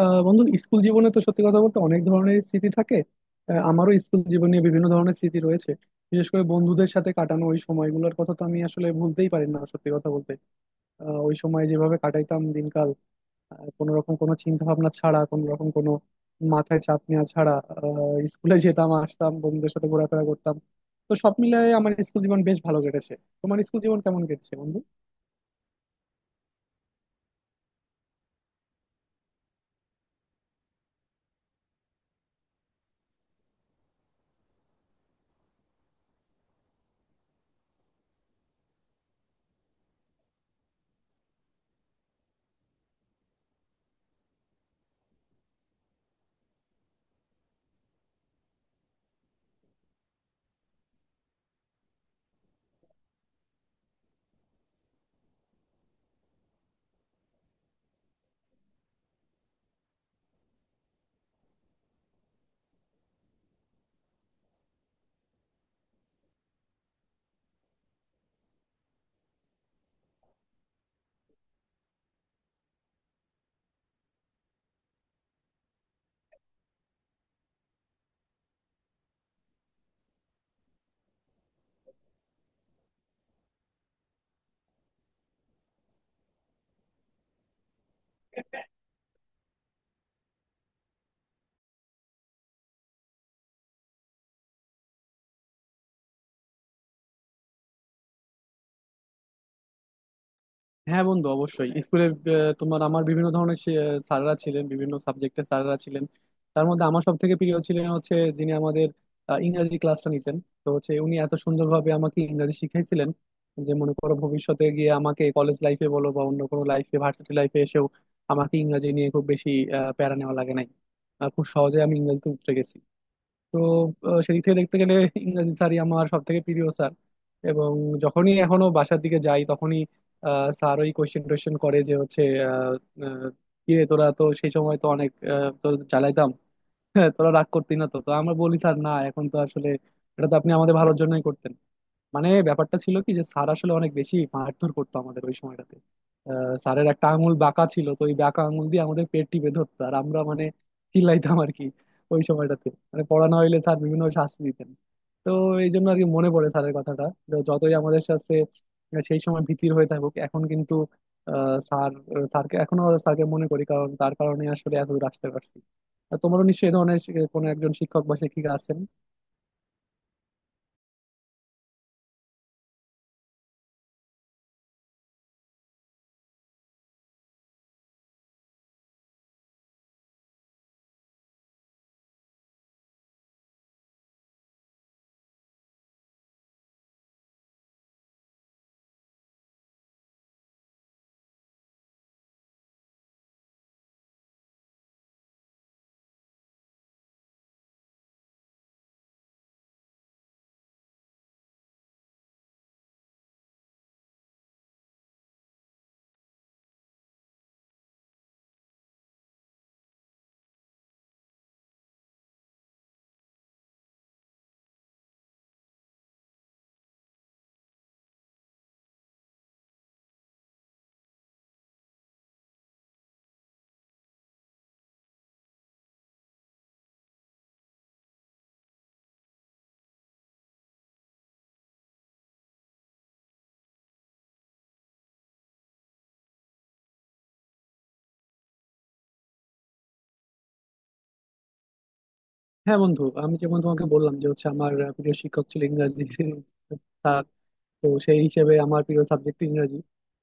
বন্ধু, স্কুল জীবনে তো সত্যি কথা বলতে অনেক ধরনের স্মৃতি থাকে। আমারও স্কুল জীবনে বিভিন্ন ধরনের স্মৃতি রয়েছে। বিশেষ করে বন্ধুদের সাথে কাটানো ওই সময়গুলোর কথা তো আমি আসলে ভুলতেই পারি না, সত্যি কথা বলতে। ওই সময় যেভাবে কাটাইতাম দিনকাল, কোনো রকম কোনো চিন্তা ভাবনা ছাড়া, কোনো রকম কোনো মাথায় চাপ নেওয়া ছাড়া স্কুলে যেতাম আসতাম, বন্ধুদের সাথে ঘোরাফেরা করতাম। তো সব মিলিয়ে আমার স্কুল জীবন বেশ ভালো কেটেছে। তোমার স্কুল জীবন কেমন কেটেছে বন্ধু? হ্যাঁ বন্ধু, অবশ্যই স্কুলে তোমার আমার বিভিন্ন ধরনের স্যাররা ছিলেন, বিভিন্ন সাবজেক্টের স্যাররা ছিলেন। তার মধ্যে আমার সব থেকে প্রিয় ছিলেন হচ্ছে যিনি আমাদের ইংরাজি ক্লাসটা নিতেন। তো হচ্ছে উনি এত সুন্দরভাবে আমাকে ইংরাজি শিখাইছিলেন যে মনে করো ভবিষ্যতে গিয়ে আমাকে কলেজ লাইফে বলো বা অন্য কোনো লাইফে ভার্সিটি লাইফে এসেও আমাকে ইংরাজি নিয়ে খুব বেশি প্যারা নেওয়া লাগে নাই। খুব সহজে আমি ইংরাজিতে উতরে গেছি। তো সেদিক থেকে দেখতে গেলে ইংরাজি স্যারই আমার সব থেকে প্রিয় স্যার। এবং যখনই এখনো বাসার দিকে যাই তখনই স্যার ওই কোয়েশ্চেন টোয়েশ্চেন করে যে হচ্ছে আহ, আহ, কিরে তোরা তো সেই সময় তো অনেক তো জ্বালাইতাম। হ্যাঁ, তোরা রাগ করতি না? তো তো আমরা বলি স্যার, না এখন তো আসলে এটা তো আপনি আমাদের ভালোর জন্যই করতেন। মানে ব্যাপারটা ছিল কি যে স্যার আসলে অনেক বেশি মারধর করতো আমাদের ওই সময়টাতে। স্যারের একটা আঙুল বাঁকা ছিল, তো ওই বাঁকা আঙুল দিয়ে আমাদের পেট টিপে ধরতো আর আমরা মানে চিল্লাইতাম আর কি। ওই সময়টাতে মানে পড়ানো হইলে স্যার বিভিন্ন শাস্তি দিতেন। তো এই জন্য আর কি মনে পড়ে স্যারের কথাটা। তো যতই আমাদের সাথে সেই সময় ভীতির হয়ে থাকুক, এখন কিন্তু আহ, স্যার স্যারকে এখনো মনে করি, কারণ তার কারণে আসলে এত দূর আসতে পারছি। আর তোমারও নিশ্চয়ই এ ধরনের কোনো একজন শিক্ষক বা শিক্ষিকা আছেন। হ্যাঁ বন্ধু, আমি যেমন তোমাকে বললাম যে হচ্ছে আমার প্রিয় শিক্ষক ছিল ইংরাজি স্যার। তো সেই হিসেবে আমার প্রিয় সাবজেক্ট ইংরাজি।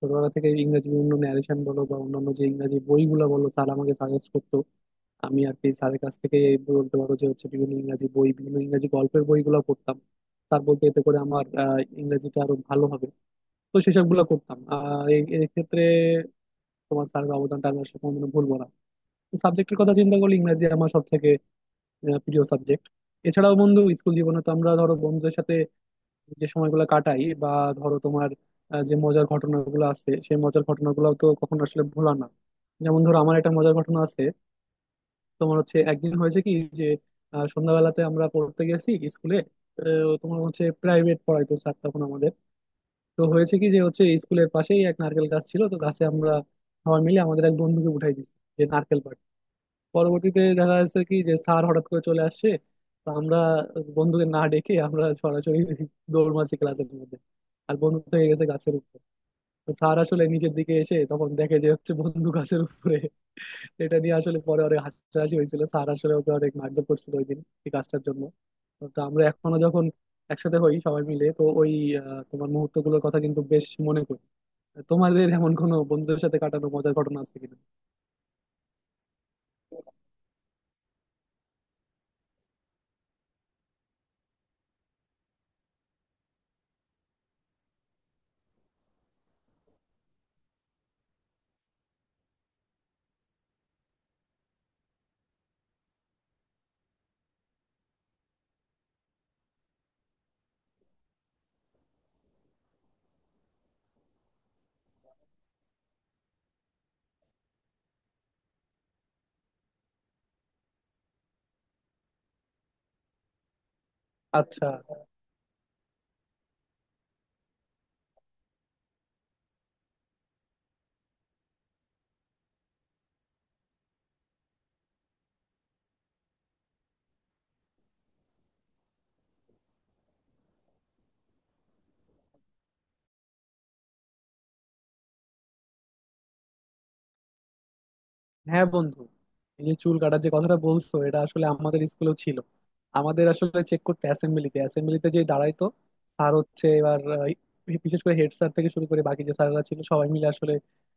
ছোটবেলা থেকে ইংরাজি বিভিন্ন ন্যারেশন বলো বা অন্যান্য যে ইংরাজি বইগুলো বলো, স্যার আমাকে সাজেস্ট করতো। আমি আর কি স্যারের কাছ থেকে, এই বলতে পারো যে হচ্ছে বিভিন্ন ইংরাজি বই বিভিন্ন ইংরাজি গল্পের বইগুলো পড়তাম। স্যার বলতে এতে করে আমার ইংরাজিটা আরো ভালো হবে। তো সেসব গুলো করতাম এক্ষেত্রে তোমার স্যারের অবদানটা আমি আসলে কোনো ভুলবো না। তো সাবজেক্টের কথা চিন্তা করলে ইংরাজি আমার সব থেকে প্রিয় সাবজেক্ট। এছাড়াও বন্ধু, স্কুল জীবনে তো আমরা ধরো বন্ধুদের সাথে যে সময়গুলো কাটাই, বা ধরো তোমার যে মজার ঘটনাগুলো আছে সেই মজার ঘটনাগুলো তো কখনো আসলে ভোলা না। যেমন ধরো আমার একটা মজার ঘটনা আছে। তোমার হচ্ছে একদিন হয়েছে কি যে সন্ধ্যাবেলাতে আমরা পড়তে গেছি স্কুলে। তোমার হচ্ছে প্রাইভেট পড়াইতো স্যার তখন আমাদের। তো হয়েছে কি যে হচ্ছে স্কুলের পাশেই এক নারকেল গাছ ছিল, তো গাছে আমরা সবাই মিলে আমাদের এক বন্ধুকে উঠাই দিছি যে নারকেল পাড়। পরবর্তীতে দেখা যাচ্ছে কি যে স্যার হঠাৎ করে চলে আসছে। তো আমরা বন্ধুকে না ডেকে আমরা সরাসরি দৌড় মারছি ক্লাসের মধ্যে। আর বন্ধু থেকে গেছে গাছের উপর। তো স্যার আসলে নিচের দিকে এসে তখন দেখে যে হচ্ছে বন্ধু গাছের উপরে। এটা নিয়ে আসলে পরে অনেক হাসাহাসি হয়েছিল, স্যার আসলে ওকে অনেক মারধর করছিল ওই দিন এই কাজটার জন্য। তো আমরা এখনো যখন একসাথে হই সবাই মিলে তো ওই তোমার মুহূর্ত গুলোর কথা কিন্তু বেশ মনে করি। তোমাদের এমন কোনো বন্ধুদের সাথে কাটানো মজার ঘটনা আছে কিনা? আচ্ছা। হ্যাঁ বন্ধু, এই যে চুল কাটার যে কথাটা বলছো, এটা আসলে আমাদের স্কুলেও ছিল। আমাদের আসলে চেক করতে অ্যাসেম্বলিতে অ্যাসেম্বলিতে যে দাঁড়াইতো স্যার হচ্ছে এবার, বিশেষ করে হেড স্যার থেকে শুরু করে বাকি যে স্যাররা ছিল সবাই মিলে আসলে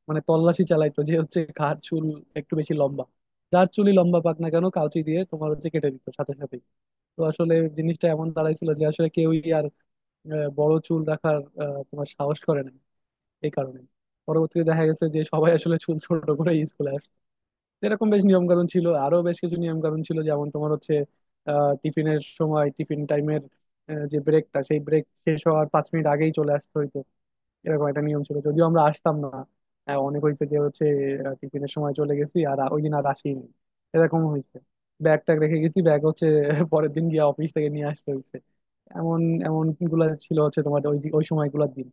মানে তল্লাশি চালাইতো যে হচ্ছে কার চুল একটু বেশি লম্বা। যার চুলই লম্বা পাক না কেন, কাউচি দিয়ে তোমার হচ্ছে কেটে দিত সাথে সাথেই। তো আসলে জিনিসটা এমন দাঁড়াইছিল যে আসলে কেউই আর বড় চুল রাখার তোমার সাহস করে না এই কারণে। পরবর্তীতে দেখা গেছে যে সবাই আসলে চুল ছোট করে স্কুলে। এরকম বেশ নিয়ম কানুন ছিল, আরো বেশ কিছু নিয়ম কানুন ছিল যেমন তোমার হচ্ছে টিফিনের সময়, টিফিন টাইমের যে ব্রেকটা, সেই ব্রেক শেষ হওয়ার 5 মিনিট আগেই চলে আসতে হইতো। এরকম একটা নিয়ম ছিল, যদিও আমরা আসতাম না। অনেক হয়েছে যে হচ্ছে টিফিনের সময় চলে গেছি আর ওই দিন আর আসিনি এরকম হয়েছে। ব্যাগ ট্যাগ রেখে গেছি, ব্যাগ হচ্ছে পরের দিন গিয়ে অফিস থেকে নিয়ে আসতে হয়েছে। এমন এমন গুলা ছিল হচ্ছে তোমার ওই ওই সময়গুলোর দিন।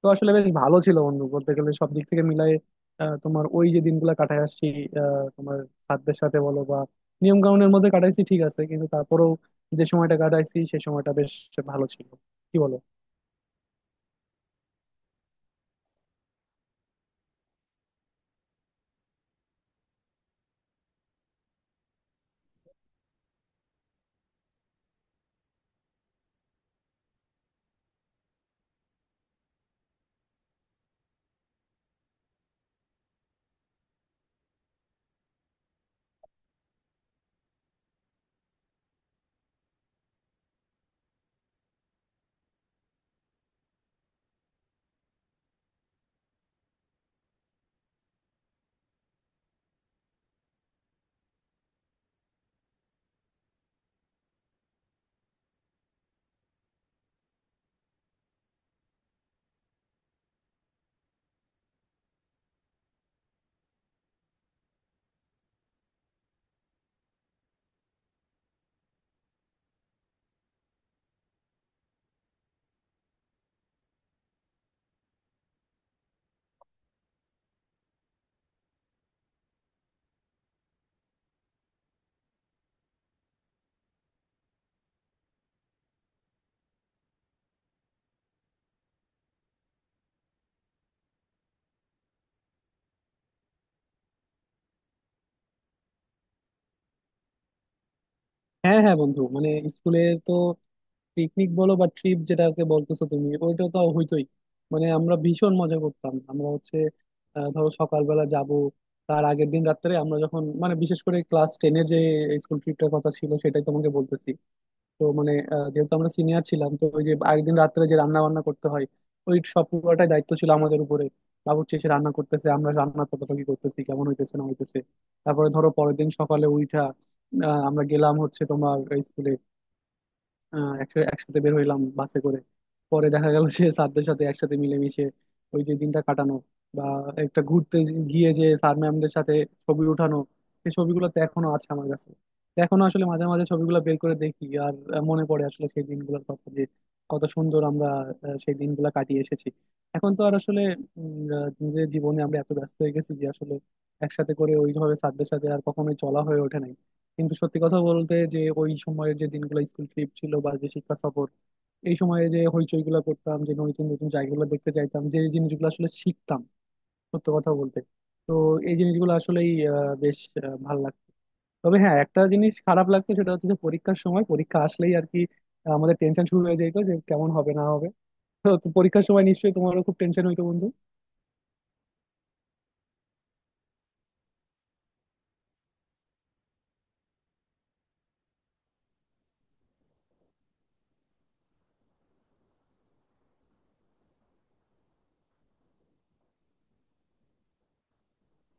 তো আসলে বেশ ভালো ছিল বন্ধু, বলতে গেলে সব দিক থেকে মিলাই তোমার ওই যে দিনগুলো কাটায় আসছি তোমার সাধ্যের সাথে বলো বা নিয়ম কানুনের মধ্যে কাটাইছি ঠিক আছে, কিন্তু তারপরেও যে সময়টা কাটাইছি সেই সময়টা বেশ ভালো ছিল, কি বলো? হ্যাঁ, হ্যাঁ বন্ধু, মানে স্কুলের তো পিকনিক বলো বা ট্রিপ যেটাকে বলতেছো তুমি, ওইটা তো হইতোই। মানে আমরা ভীষণ মজা করতাম, আমরা হচ্ছে ধরো সকালবেলা যাব। তার আগের দিন রাত্রে আমরা যখন, মানে বিশেষ করে ক্লাস টেনের যে স্কুল ট্রিপটার কথা ছিল সেটাই তোমাকে বলতেছি। তো মানে যেহেতু আমরা সিনিয়র ছিলাম, তো ওই যে আগের দিন রাত্রে যে রান্না বান্না করতে হয়, ওই সব পুরোটাই দায়িত্ব ছিল আমাদের উপরে। বাবুর্চি এসে রান্না করতেছে, আমরা রান্না তদারকি করতেছি কেমন হইতেছে না হইতেছে। তারপরে ধরো পরের দিন সকালে উঠা, আমরা গেলাম হচ্ছে তোমার স্কুলে একসাথে একসাথে বের হইলাম বাসে করে। পরে দেখা গেল যে স্যারদের সাথে একসাথে মিলেমিশে ওই যে দিনটা কাটানো, বা একটা ঘুরতে গিয়ে যে স্যার ম্যামদের সাথে ছবি উঠানো। সেই ছবিগুলো তো এখনো আছে আমার কাছে। তো এখনো আসলে মাঝে মাঝে ছবিগুলো বের করে দেখি আর মনে পড়ে আসলে সেই দিনগুলোর কথা, যে কত সুন্দর আমরা সেই দিনগুলো কাটিয়ে এসেছি। এখন তো আর আসলে নিজের জীবনে আমরা এত ব্যস্ত হয়ে গেছি যে আসলে একসাথে করে ওইভাবে স্যারদের সাথে আর কখনোই চলা হয়ে ওঠে না। কিন্তু সত্যি কথা বলতে যে ওই সময়ের যে দিনগুলো স্কুল ট্রিপ ছিল বা যে শিক্ষা সফর, এই সময়ে যে হইচই গুলা করতাম, যে নতুন নতুন জায়গাগুলো দেখতে চাইতাম, যে জিনিসগুলো আসলে শিখতাম, সত্যি কথা বলতে। তো এই জিনিসগুলো আসলেই বেশ ভালো লাগতো। তবে হ্যাঁ, একটা জিনিস খারাপ লাগতো, সেটা হচ্ছে যে পরীক্ষার সময় পরীক্ষা আসলেই আর কি আমাদের টেনশন শুরু হয়ে যেত যে কেমন হবে না হবে। তো তো পরীক্ষার সময় নিশ্চয়ই তোমারও খুব টেনশন হইতো বন্ধু।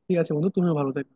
ঠিক আছে বন্ধু, তুমিও ভালো থেকো।